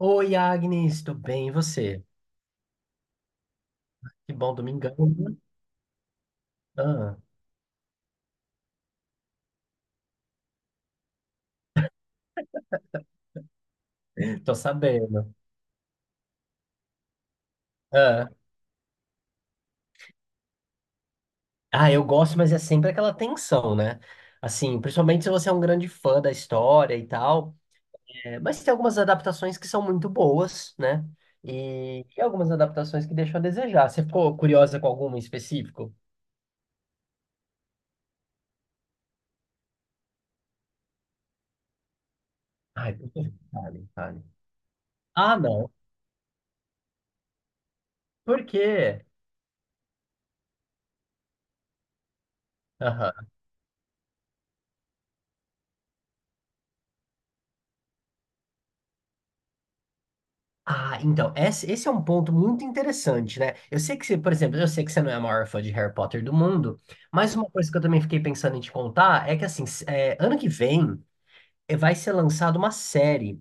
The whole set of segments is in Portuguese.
Oi, Agnes, tudo bem? E você? Que bom, domingão, né? Ah, tô sabendo. Ah. Ah, eu gosto, mas é sempre aquela tensão, né? Assim, principalmente se você é um grande fã da história e tal. É, mas tem algumas adaptações que são muito boas, né? E algumas adaptações que deixam a desejar. Você ficou curiosa com alguma em específico? Ai, por favor, fale, fale. Ah, não. Por quê? Ah, então, esse é um ponto muito interessante, né? Eu sei que você, por exemplo, eu sei que você não é a maior fã de Harry Potter do mundo, mas uma coisa que eu também fiquei pensando em te contar é que, assim, é, ano que vem vai ser lançada uma série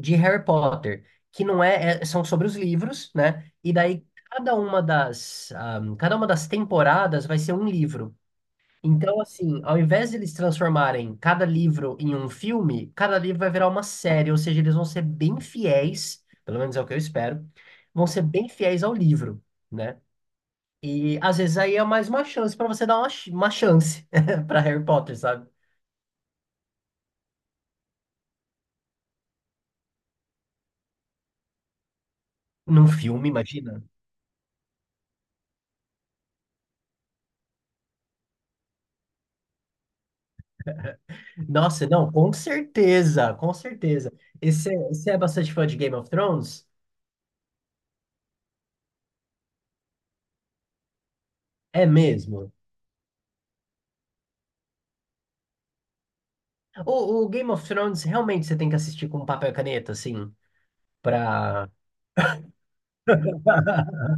de Harry Potter, que não é, são sobre os livros, né? E daí cada uma das temporadas vai ser um livro. Então, assim, ao invés de eles transformarem cada livro em um filme, cada livro vai virar uma série, ou seja, eles vão ser bem fiéis, pelo menos é o que eu espero, vão ser bem fiéis ao livro, né? E às vezes aí é mais uma chance pra você dar uma chance pra Harry Potter, sabe? Num filme, imagina. Nossa, não, com certeza, com certeza. E você é bastante fã de Game of Thrones? É mesmo. O Game of Thrones realmente você tem que assistir com papel e caneta, assim, pra.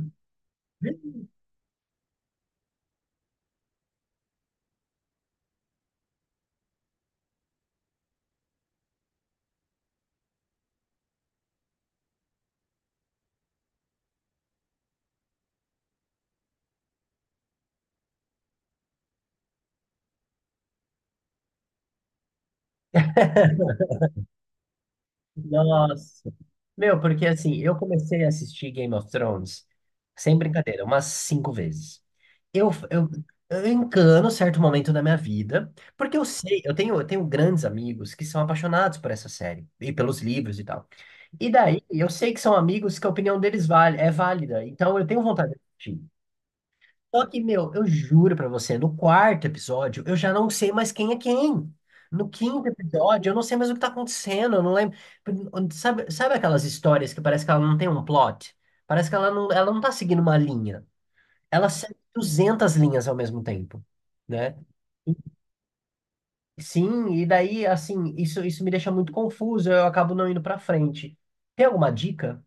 Nossa. Meu, porque assim, eu comecei a assistir Game of Thrones, sem brincadeira, umas cinco vezes. Eu, eu, eu encano certo momento da minha vida, porque eu sei, eu tenho grandes amigos que são apaixonados por essa série e pelos livros e tal. E daí, eu sei que são amigos que a opinião deles vale, é válida, então eu tenho vontade de assistir. Só que, meu, eu juro pra você, no quarto episódio, eu já não sei mais quem é quem. No quinto episódio, eu não sei mais o que tá acontecendo, eu não lembro. Sabe, sabe aquelas histórias que parece que ela não tem um plot? Parece que ela não tá seguindo uma linha. Ela segue 200 linhas ao mesmo tempo, né? Sim, e daí, assim, isso me deixa muito confuso, eu acabo não indo pra frente. Tem alguma dica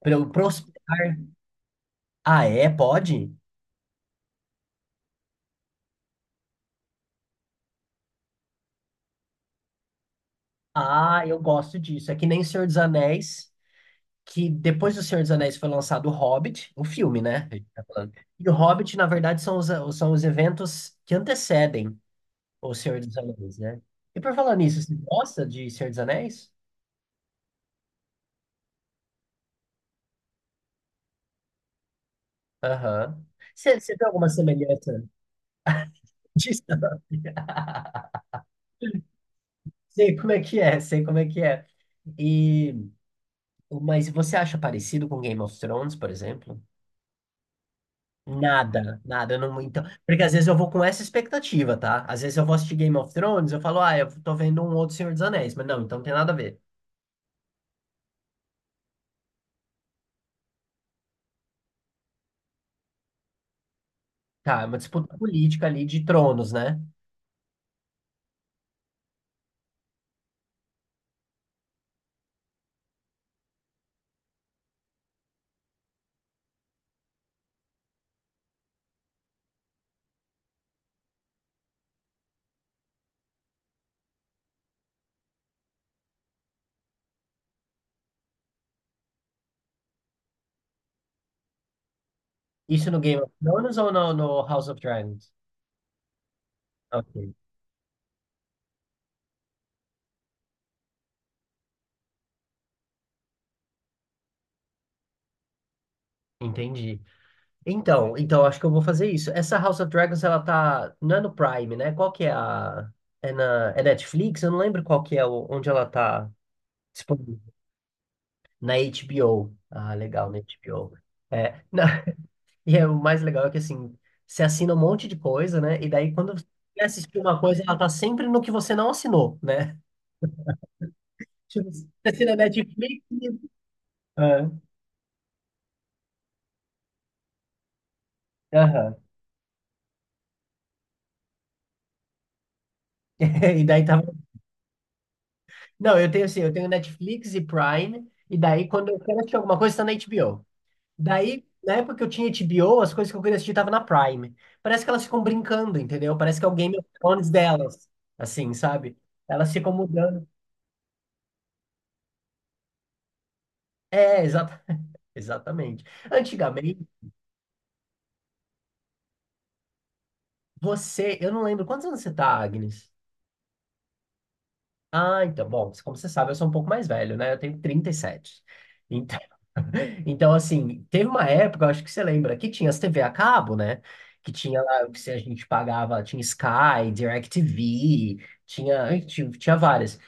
pra eu prosperar? Ah, é? Pode? Ah, eu gosto disso. É que nem Senhor dos Anéis. Que depois do Senhor dos Anéis foi lançado O Hobbit, o filme, né? A gente tá falando. E o Hobbit, na verdade, são os eventos que antecedem o Senhor dos Anéis, né? E por falar nisso, você gosta de Senhor dos Anéis? Aham. Você vê alguma semelhança disso? Sei como é que é, sei como é que é. E, mas você acha parecido com Game of Thrones, por exemplo? Nada, nada, eu não, então, porque às vezes eu vou com essa expectativa, tá? Às vezes eu vou assistir Game of Thrones, eu falo, ah, eu tô vendo um outro Senhor dos Anéis, mas não, então não tem nada a ver. Tá, é uma disputa política ali de tronos, né? Isso no Game of Thrones ou no House of Dragons? Ok, entendi. Então acho que eu vou fazer isso. Essa House of Dragons, ela tá, não é no Prime, né? Qual que é a, é na, é Netflix? Eu não lembro qual que é, onde ela tá disponível. Na HBO. Ah, legal, na HBO. É, não, E o mais legal é que, assim, você assina um monte de coisa, né? E daí, quando você quer assistir uma coisa, ela tá sempre no que você não assinou, né? Tipo, você assina Netflix... É, aham. E daí tava... Não, eu tenho assim, eu tenho Netflix e Prime, e daí quando eu quero assistir alguma coisa, tá na HBO. Daí, na época que eu tinha HBO, as coisas que eu queria assistir tava na Prime. Parece que elas ficam brincando, entendeu? Parece que é o Game of Thrones delas, assim, sabe? Elas ficam mudando. É, exata... exatamente. Antigamente, eu não lembro quantos anos você tá, Agnes? Ah, então, bom, como você sabe, eu sou um pouco mais velho, né? Eu tenho 37. Então, então assim, teve uma época, eu acho que você lembra, que tinha as TV a cabo, né? Que tinha lá, o que se a gente pagava, tinha Sky, DirecTV, tinha várias.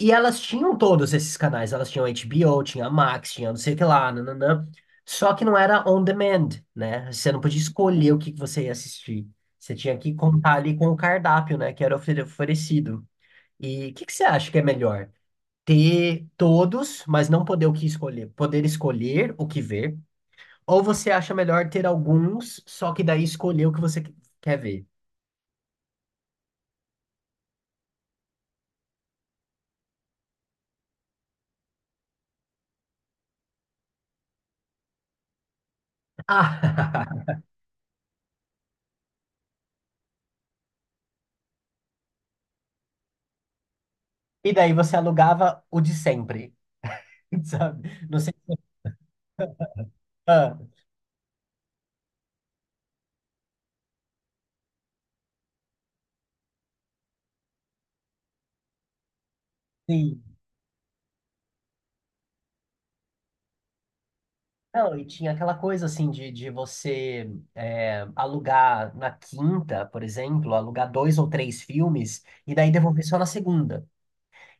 E elas tinham todos esses canais, elas tinham HBO, tinha Max, tinha não sei o que lá, nananã. Só que não era on demand, né? Você não podia escolher o que que você ia assistir. Você tinha que contar ali com o cardápio, né? Que era oferecido. E o que que você acha que é melhor? Ter todos, mas não poder o que escolher, poder escolher o que ver? Ou você acha melhor ter alguns, só que daí escolher o que você quer ver? Ah, e daí você alugava o de sempre, sabe? Não sei. Ah, sim. Não, e tinha aquela coisa assim de você alugar na quinta, por exemplo, alugar dois ou três filmes e daí devolver só na segunda.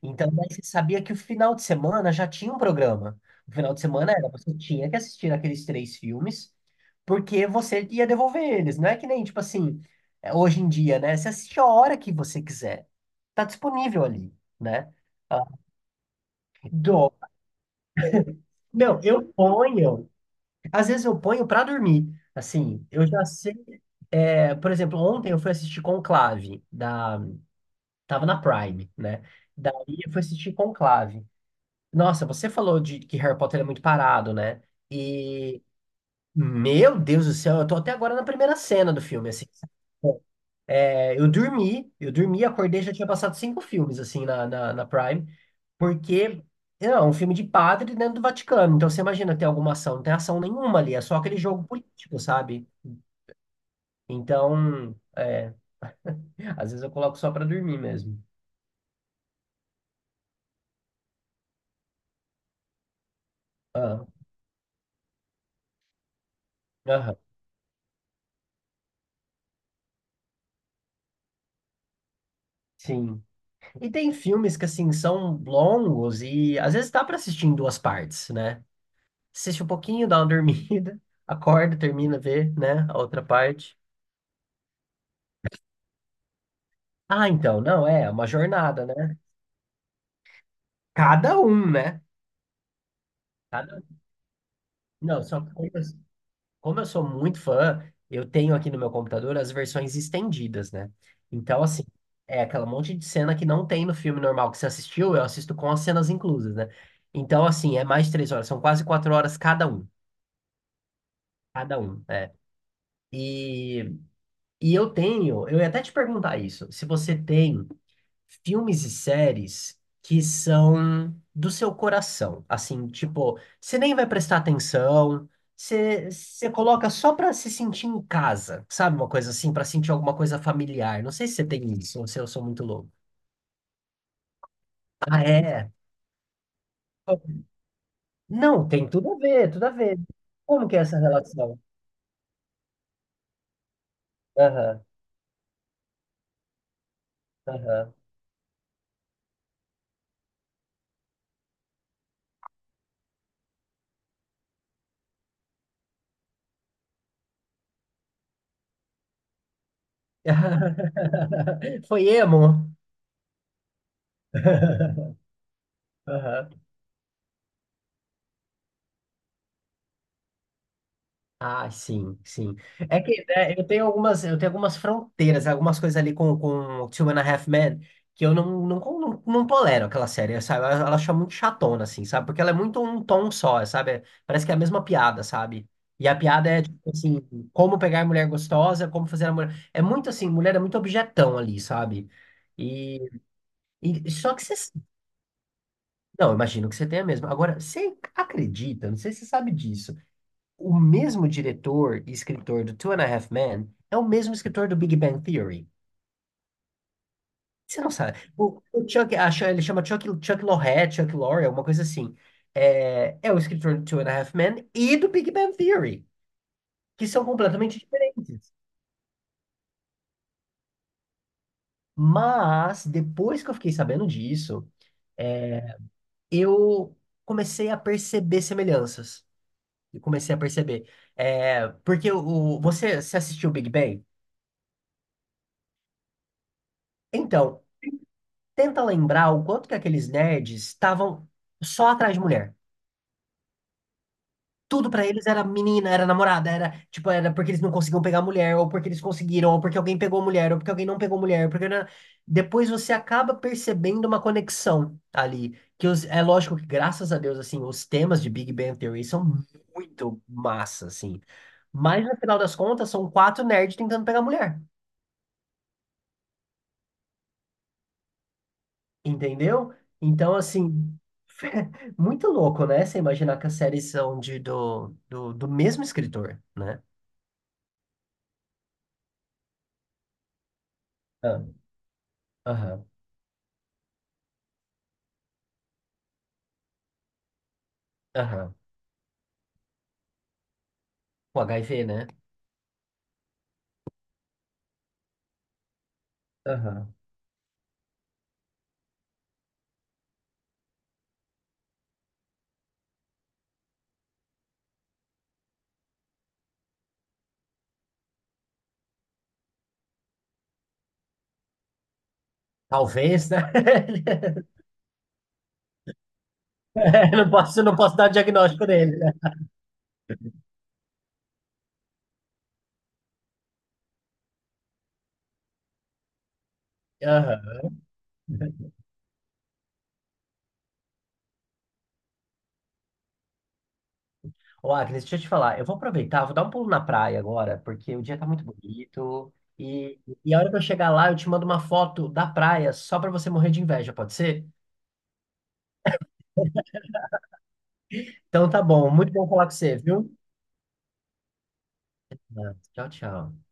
Então, daí você sabia que o final de semana já tinha um programa. O final de semana era, você tinha que assistir aqueles três filmes, porque você ia devolver eles. Não é que nem, tipo assim, hoje em dia, né? Você assiste a hora que você quiser. Tá disponível ali, né? Ah, do- Não, eu ponho. Às vezes eu ponho pra dormir. Assim, eu já sei. É, por exemplo, ontem eu fui assistir Conclave da tava na Prime, né? Daí eu fui assistir Conclave. Nossa, você falou de que Harry Potter é muito parado, né? E meu Deus do céu, eu tô até agora na primeira cena do filme, assim. É, eu dormi, acordei, já tinha passado cinco filmes, assim, na Prime, porque é um filme de padre dentro do Vaticano. Então, você imagina ter alguma ação, não tem ação nenhuma ali, é só aquele jogo político, sabe? Então, às vezes eu coloco só pra dormir mesmo. Ah, aham, sim. E tem filmes que, assim, são longos e às vezes dá pra assistir em duas partes, né? Assiste um pouquinho, dá uma dormida, acorda, termina, vê, né, a outra parte. Ah, então, não, é uma jornada, né? Cada um, né? Cada- Não, só que como eu sou muito fã, eu tenho aqui no meu computador as versões estendidas, né? Então, assim, é aquela monte de cena que não tem no filme normal que você assistiu, eu assisto com as cenas inclusas, né? Então, assim, é mais de 3 horas, são quase 4 horas cada um. Cada um, é. E, e eu tenho, eu ia até te perguntar isso, se você tem filmes e séries que são do seu coração. Assim, tipo, você nem vai prestar atenção, você coloca só pra se sentir em casa, sabe? Uma coisa assim, pra sentir alguma coisa familiar. Não sei se você tem isso ou se eu sou muito louco. Ah, é? Não, tem tudo a ver, tudo a ver. Como que é essa relação? Aham, aham. Foi emo? Aham. Ah, sim, sim. É que né, eu tenho algumas fronteiras, algumas coisas ali com Two and a Half Men que eu não tolero aquela série, sabe? Ela acha muito chatona, assim, sabe? Porque ela é muito um tom só, sabe? Parece que é a mesma piada, sabe? E a piada é, tipo assim, como pegar mulher gostosa, como fazer a mulher. É muito assim, mulher é muito objetão ali, sabe? E, e só que você. Não, imagino que você tenha mesmo. Agora, você acredita, não sei se você sabe disso. O mesmo diretor e escritor do Two and a Half Men é o mesmo escritor do Big Bang Theory. Você não sabe. O Chuck, ele chama Chuck, Chuck Lorre, Chuck Lorre, alguma coisa assim. É o escritor do Two and a Half Men e do Big Bang Theory, que são completamente diferentes. Mas, depois que eu fiquei sabendo disso, é, eu comecei a perceber semelhanças. Eu comecei a perceber. É, porque você assistiu o Big Bang? Então, Tenta lembrar o quanto que aqueles nerds estavam só atrás de mulher. Tudo pra eles era menina, era namorada, era tipo, era porque eles não conseguiam pegar mulher, ou porque eles conseguiram, ou porque alguém pegou mulher, ou porque alguém não pegou mulher, porque depois você acaba percebendo uma conexão ali, que é lógico que graças a Deus assim, os temas de Big Bang Theory são muito massa assim, mas no final das contas são quatro nerds tentando pegar mulher. Entendeu? Então, assim, muito louco, né? Você imaginar que as séries são do mesmo escritor, né? Ah, aham, aham. O HIV, né? Aham. Talvez, né? Eu não posso dar o diagnóstico dele, né? Aham. Ô, Agnes, deixa eu te falar. Eu vou aproveitar, vou dar um pulo na praia agora, porque o dia tá muito bonito. E a hora que eu chegar lá, eu te mando uma foto da praia só pra você morrer de inveja, pode ser? Então tá bom. Muito bom falar com você, viu? Tá. Tchau, tchau.